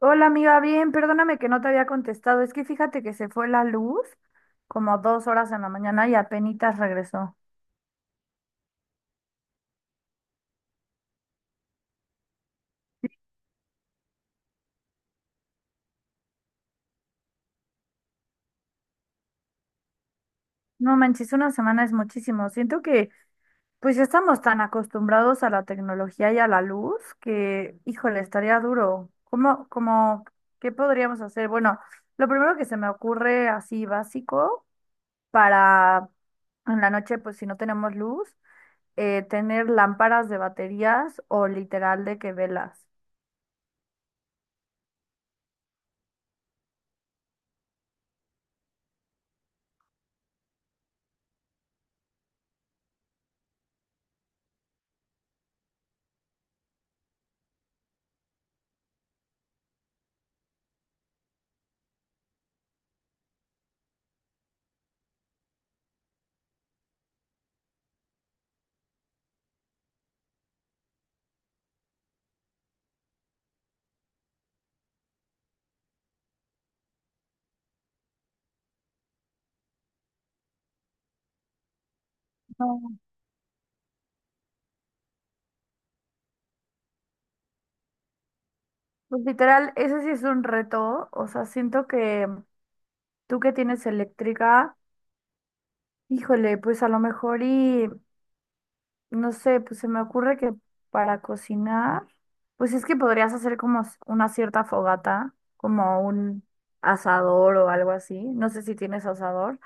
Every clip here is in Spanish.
Hola amiga, bien, perdóname que no te había contestado. Es que fíjate que se fue la luz como 2 horas en la mañana y apenitas regresó. No manches, una semana es muchísimo. Siento que pues ya estamos tan acostumbrados a la tecnología y a la luz que, híjole, estaría duro. ¿Cómo, qué podríamos hacer? Bueno, lo primero que se me ocurre así básico para en la noche, pues si no tenemos luz, tener lámparas de baterías o literal de que velas. No. Pues literal, ese sí es un reto. O sea, siento que tú que tienes eléctrica, híjole, pues a lo mejor y no sé, pues se me ocurre que para cocinar, pues es que podrías hacer como una cierta fogata, como un asador o algo así. No sé si tienes asador,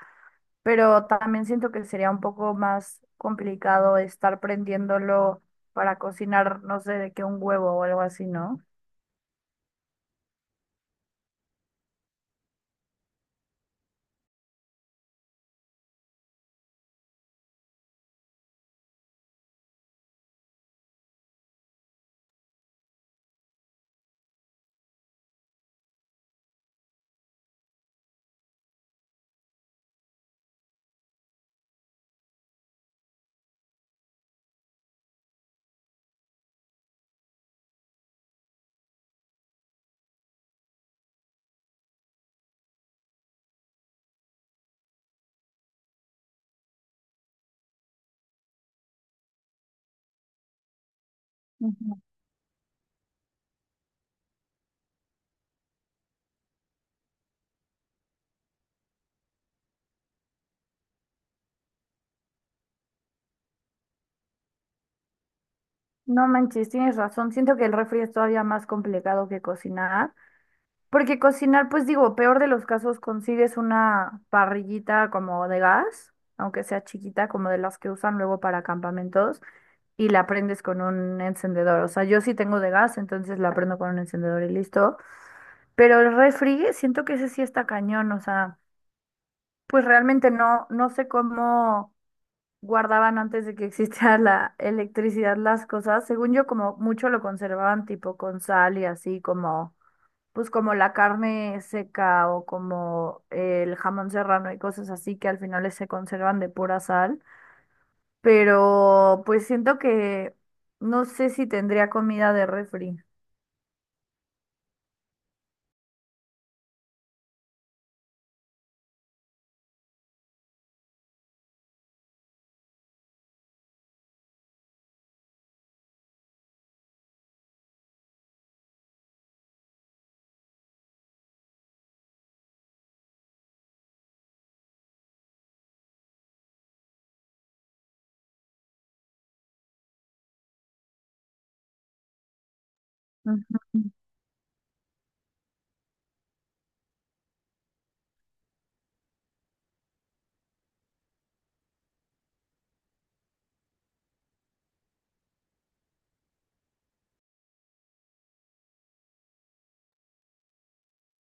pero también siento que sería un poco más complicado estar prendiéndolo para cocinar, no sé, de que un huevo o algo así, ¿no? No manches, tienes razón. Siento que el refri es todavía más complicado que cocinar. Porque cocinar, pues digo, peor de los casos, consigues una parrillita como de gas, aunque sea chiquita, como de las que usan luego para campamentos, y la prendes con un encendedor. O sea, yo sí tengo de gas, entonces la prendo con un encendedor y listo. Pero el refri, siento que ese sí está cañón. O sea, pues realmente no sé cómo guardaban antes de que existiera la electricidad las cosas. Según yo, como mucho lo conservaban tipo con sal y así como, pues como la carne seca o como el jamón serrano y cosas así que al final se conservan de pura sal. Pero pues siento que no sé si tendría comida de refri. Ujú.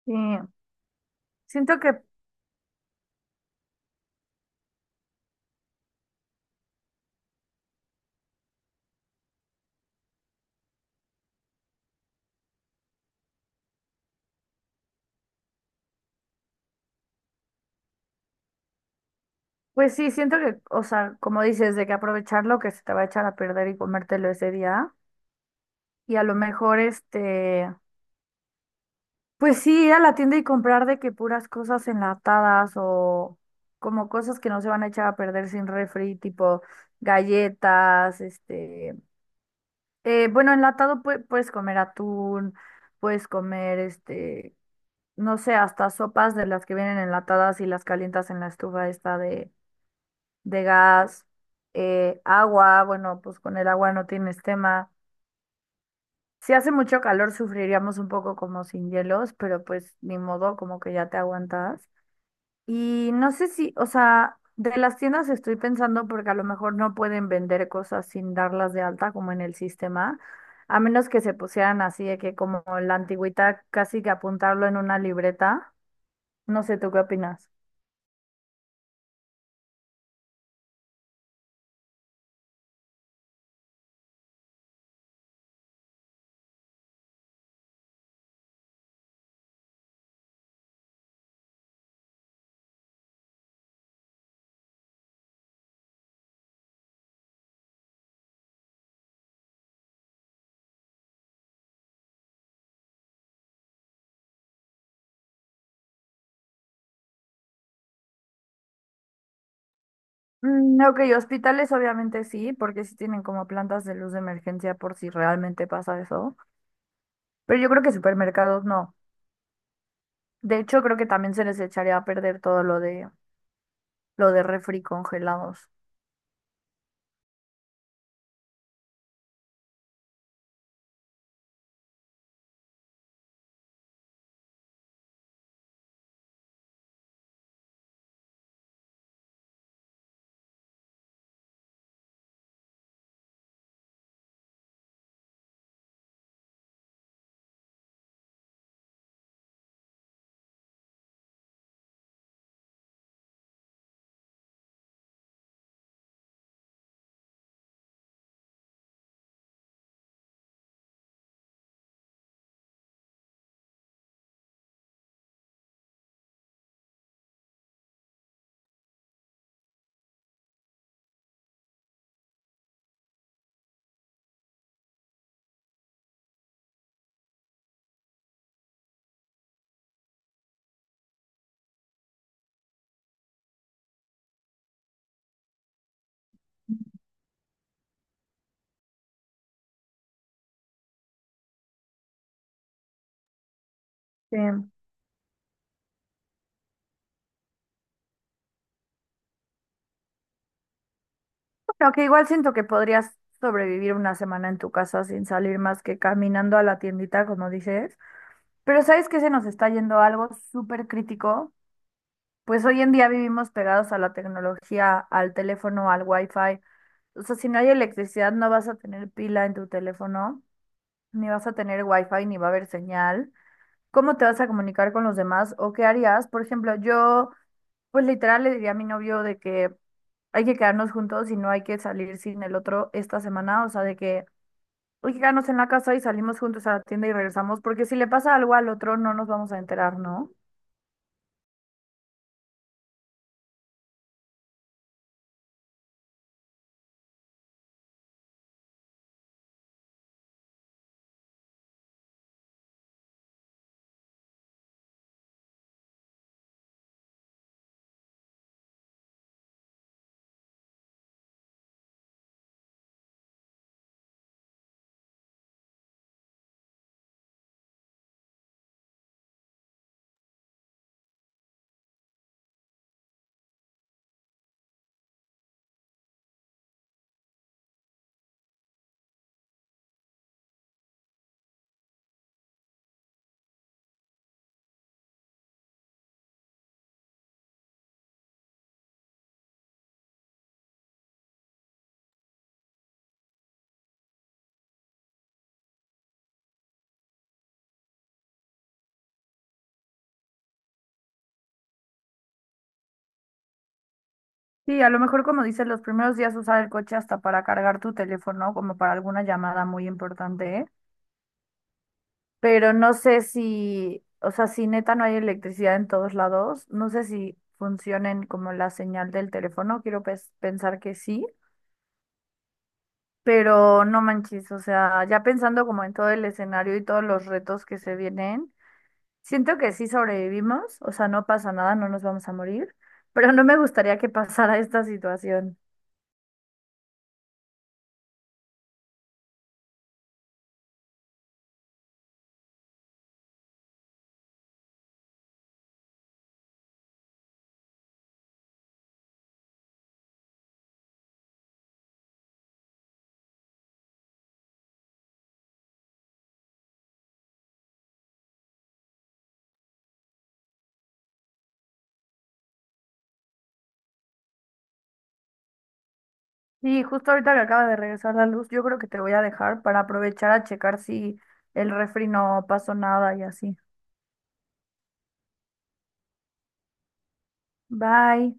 Sí, siento que, pues sí, siento que, o sea, como dices, de que aprovechar lo que se te va a echar a perder y comértelo ese día. Y a lo mejor, este. Pues sí, ir a la tienda y comprar de que puras cosas enlatadas o como cosas que no se van a echar a perder sin refri, tipo galletas, este, bueno, enlatado puedes comer atún, puedes comer, este, no sé, hasta sopas de las que vienen enlatadas y las calientas en la estufa esta de gas, agua, bueno, pues con el agua no tienes tema. Si hace mucho calor sufriríamos un poco como sin hielos, pero pues ni modo, como que ya te aguantas. Y no sé si, o sea, de las tiendas estoy pensando porque a lo mejor no pueden vender cosas sin darlas de alta como en el sistema, a menos que se pusieran así de que como la antigüita casi que apuntarlo en una libreta. No sé, ¿tú qué opinas? Mm, ok, hospitales obviamente sí, porque sí tienen como plantas de luz de emergencia por si realmente pasa eso. Pero yo creo que supermercados no. De hecho, creo que también se les echaría a perder todo lo de refri congelados. Sí. Aunque igual siento que podrías sobrevivir una semana en tu casa sin salir más que caminando a la tiendita, como dices. Pero ¿sabes qué se nos está yendo algo súper crítico? Pues hoy en día vivimos pegados a la tecnología, al teléfono, al wifi. O sea, si no hay electricidad, no vas a tener pila en tu teléfono, ni vas a tener wifi, ni va a haber señal. ¿Cómo te vas a comunicar con los demás o qué harías? Por ejemplo, yo pues literal le diría a mi novio de que hay que quedarnos juntos y no hay que salir sin el otro esta semana, o sea, de que hay que quedarnos en la casa y salimos juntos a la tienda y regresamos, porque si le pasa algo al otro no nos vamos a enterar, ¿no? Sí, a lo mejor como dices, los primeros días usar el coche hasta para cargar tu teléfono, como para alguna llamada muy importante, ¿eh? Pero no sé si, o sea, si neta no hay electricidad en todos lados, no sé si funcionen como la señal del teléfono, quiero pensar que sí. Pero no manches, o sea, ya pensando como en todo el escenario y todos los retos que se vienen, siento que sí sobrevivimos, o sea, no pasa nada, no nos vamos a morir, pero no me gustaría que pasara esta situación. Y justo ahorita que acaba de regresar la luz, yo creo que te voy a dejar para aprovechar a checar si el refri no pasó nada y así. Bye.